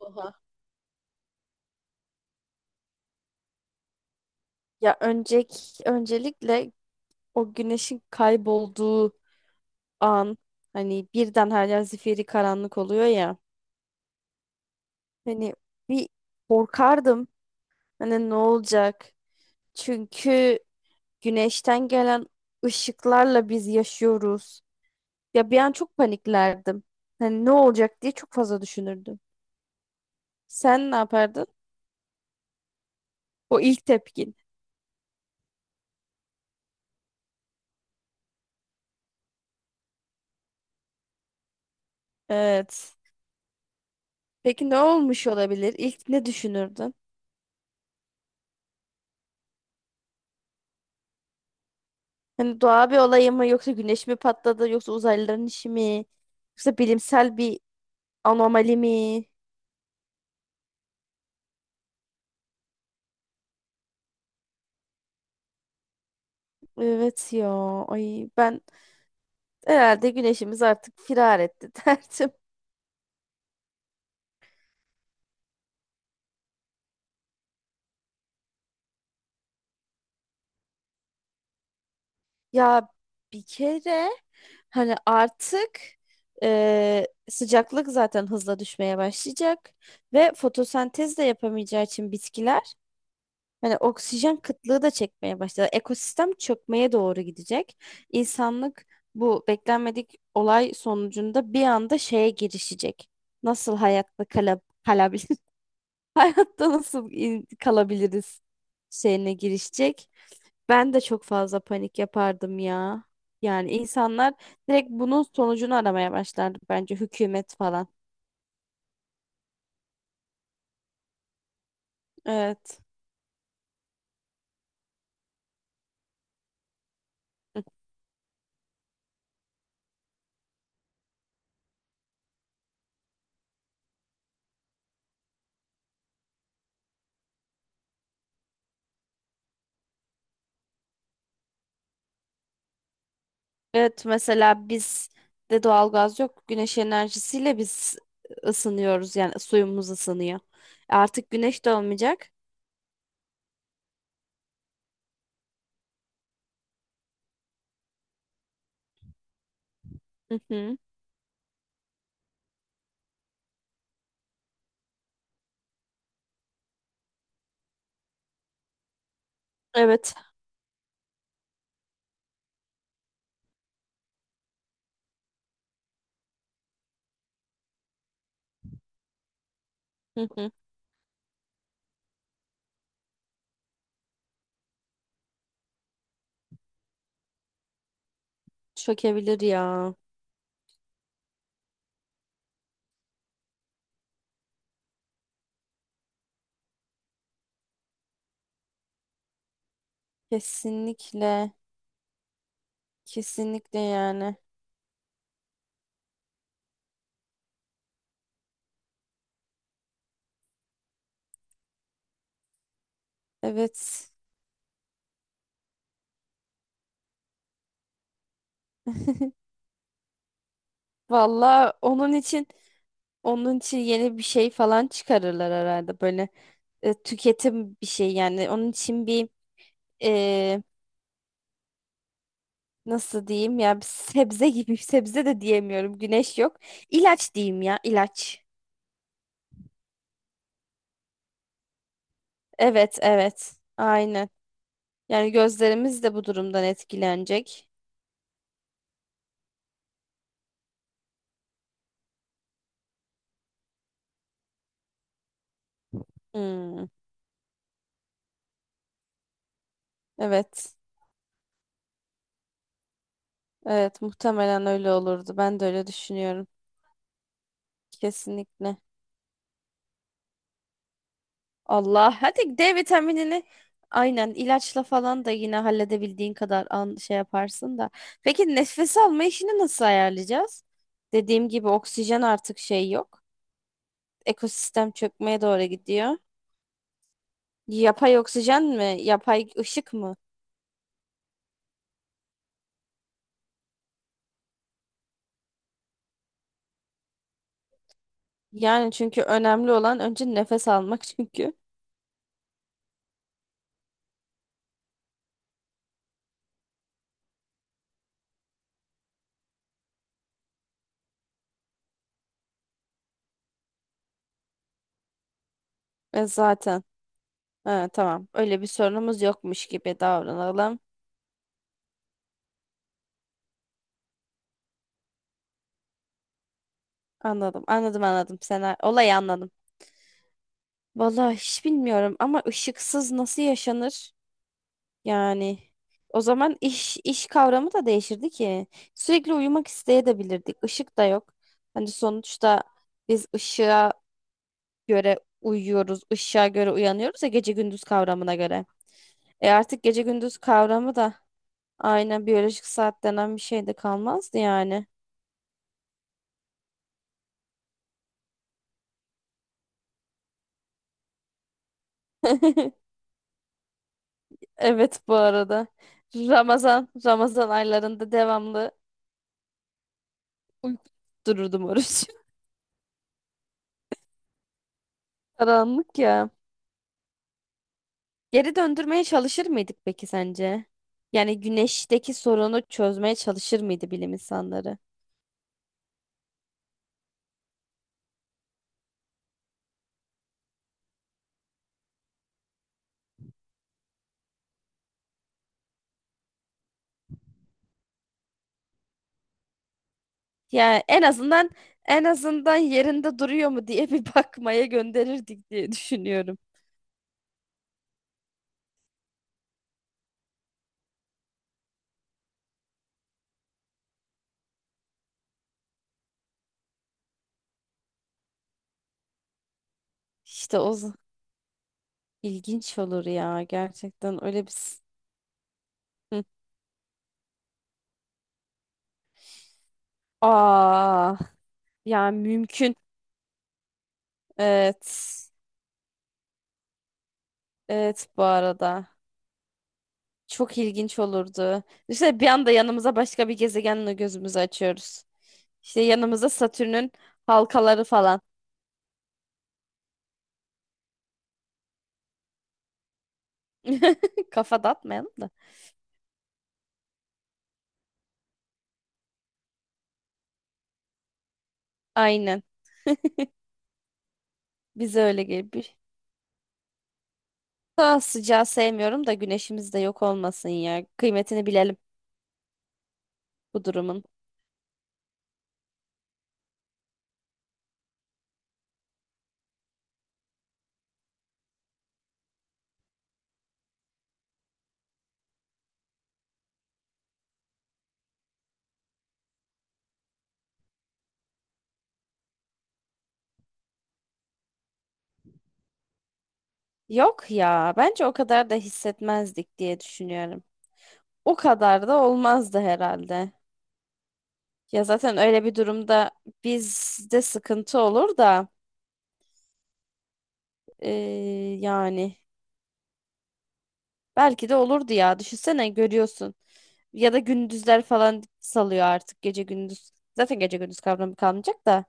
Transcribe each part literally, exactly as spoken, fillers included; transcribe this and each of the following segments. Oha. Ya önceki öncelikle o güneşin kaybolduğu an, hani birden her yer zifiri karanlık oluyor ya. Hani bir korkardım. Hani ne olacak? Çünkü güneşten gelen ışıklarla biz yaşıyoruz. Ya bir an çok paniklerdim. Hani ne olacak diye çok fazla düşünürdüm. Sen ne yapardın? O ilk tepkin. Evet. Peki ne olmuş olabilir? İlk ne düşünürdün? Hani doğa bir olay mı, yoksa güneş mi patladı, yoksa uzaylıların işi mi? Yoksa bilimsel bir anomali mi? Evet ya. Ay, ben herhalde güneşimiz artık firar etti derdim. Ya bir kere, hani artık e, sıcaklık zaten hızla düşmeye başlayacak ve fotosentez de yapamayacağı için bitkiler. Yani oksijen kıtlığı da çekmeye başladı. Ekosistem çökmeye doğru gidecek. İnsanlık, bu beklenmedik olay sonucunda bir anda şeye girişecek. Nasıl hayatta kala, kalabilir? Hayatta nasıl in- kalabiliriz şeyine girişecek. Ben de çok fazla panik yapardım ya. Yani insanlar direkt bunun sonucunu aramaya başlardı, bence hükümet falan. Evet. Evet, mesela biz de doğalgaz yok. Güneş enerjisiyle biz ısınıyoruz, yani suyumuz ısınıyor. E, Artık güneş de olmayacak. Hı hı. Evet. Hı hı. Çökebilir ya. Kesinlikle. Kesinlikle yani. Evet. Valla onun için, onun için yeni bir şey falan çıkarırlar herhalde, böyle e, tüketim bir şey yani. Onun için bir, e, nasıl diyeyim ya, bir sebze gibi sebze de diyemiyorum. Güneş yok. İlaç diyeyim ya, ilaç. Evet evet, aynen. Yani gözlerimiz de bu durumdan etkilenecek. Hmm, evet evet, muhtemelen öyle olurdu. Ben de öyle düşünüyorum. Kesinlikle. Allah. Hadi D vitaminini aynen ilaçla falan da yine halledebildiğin kadar an şey yaparsın da. Peki nefes alma işini nasıl ayarlayacağız? Dediğim gibi oksijen artık şey yok. Ekosistem çökmeye doğru gidiyor. Yapay oksijen mi? Yapay ışık mı? Yani çünkü önemli olan önce nefes almak çünkü. E zaten. Ha, tamam. Öyle bir sorunumuz yokmuş gibi davranalım. Anladım. Anladım anladım. Sen olayı anladım. Vallahi hiç bilmiyorum ama ışıksız nasıl yaşanır? Yani o zaman iş iş kavramı da değişirdi ki. Sürekli uyumak isteyebilirdik. Işık da yok. Hani sonuçta biz ışığa göre uyuyoruz, ışığa göre uyanıyoruz ya, gece gündüz kavramına göre. E artık gece gündüz kavramı da, aynen, biyolojik saat denen bir şey de kalmazdı yani. Evet bu arada. Ramazan, Ramazan aylarında devamlı uyku dururdum oruç. Karanlık ya. Geri döndürmeye çalışır mıydık peki sence? Yani güneşteki sorunu çözmeye çalışır mıydı bilim insanları? Yani en azından, en azından yerinde duruyor mu diye bir bakmaya gönderirdik diye düşünüyorum. İşte o z- ilginç olur ya, gerçekten öyle bir s- Hı. Aa, yani mümkün. Evet. Evet bu arada. Çok ilginç olurdu. İşte bir anda yanımıza başka bir gezegenle gözümüzü açıyoruz. İşte yanımıza Satürn'ün halkaları falan. Kafa dağıtmayalım da. Aynen. Bize öyle gelir. Bir- Daha sıcağı sevmiyorum da güneşimiz de yok olmasın ya. Kıymetini bilelim bu durumun. Yok ya, bence o kadar da hissetmezdik diye düşünüyorum. O kadar da olmazdı herhalde. Ya zaten öyle bir durumda bizde sıkıntı olur da, e, yani belki de olurdu ya. Düşünsene görüyorsun. Ya da gündüzler falan salıyor artık gece gündüz. Zaten gece gündüz kavramı kalmayacak da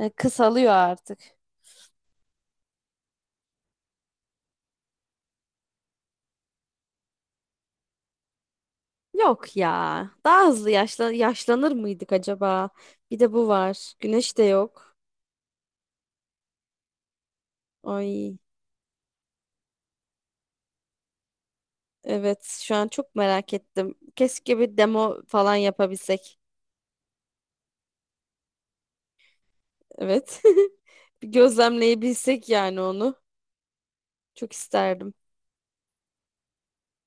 e, kısalıyor artık. Yok ya. Daha hızlı yaşla yaşlanır mıydık acaba? Bir de bu var. Güneş de yok. Ay. Evet, şu an çok merak ettim. Keşke bir demo falan yapabilsek. Evet. Bir gözlemleyebilsek yani onu. Çok isterdim.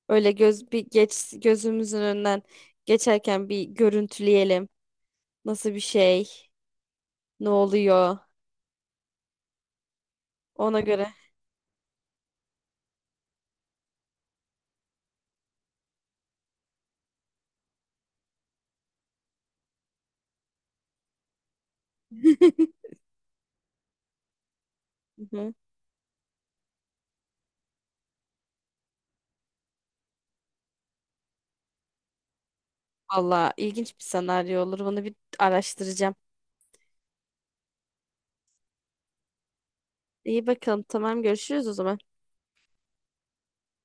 Öyle göz bir geç gözümüzün önünden geçerken bir görüntüleyelim. Nasıl bir şey? Ne oluyor? Ona göre. Hı hı. Vallahi ilginç bir senaryo olur. Bunu bir araştıracağım. İyi bakalım. Tamam, görüşürüz o zaman.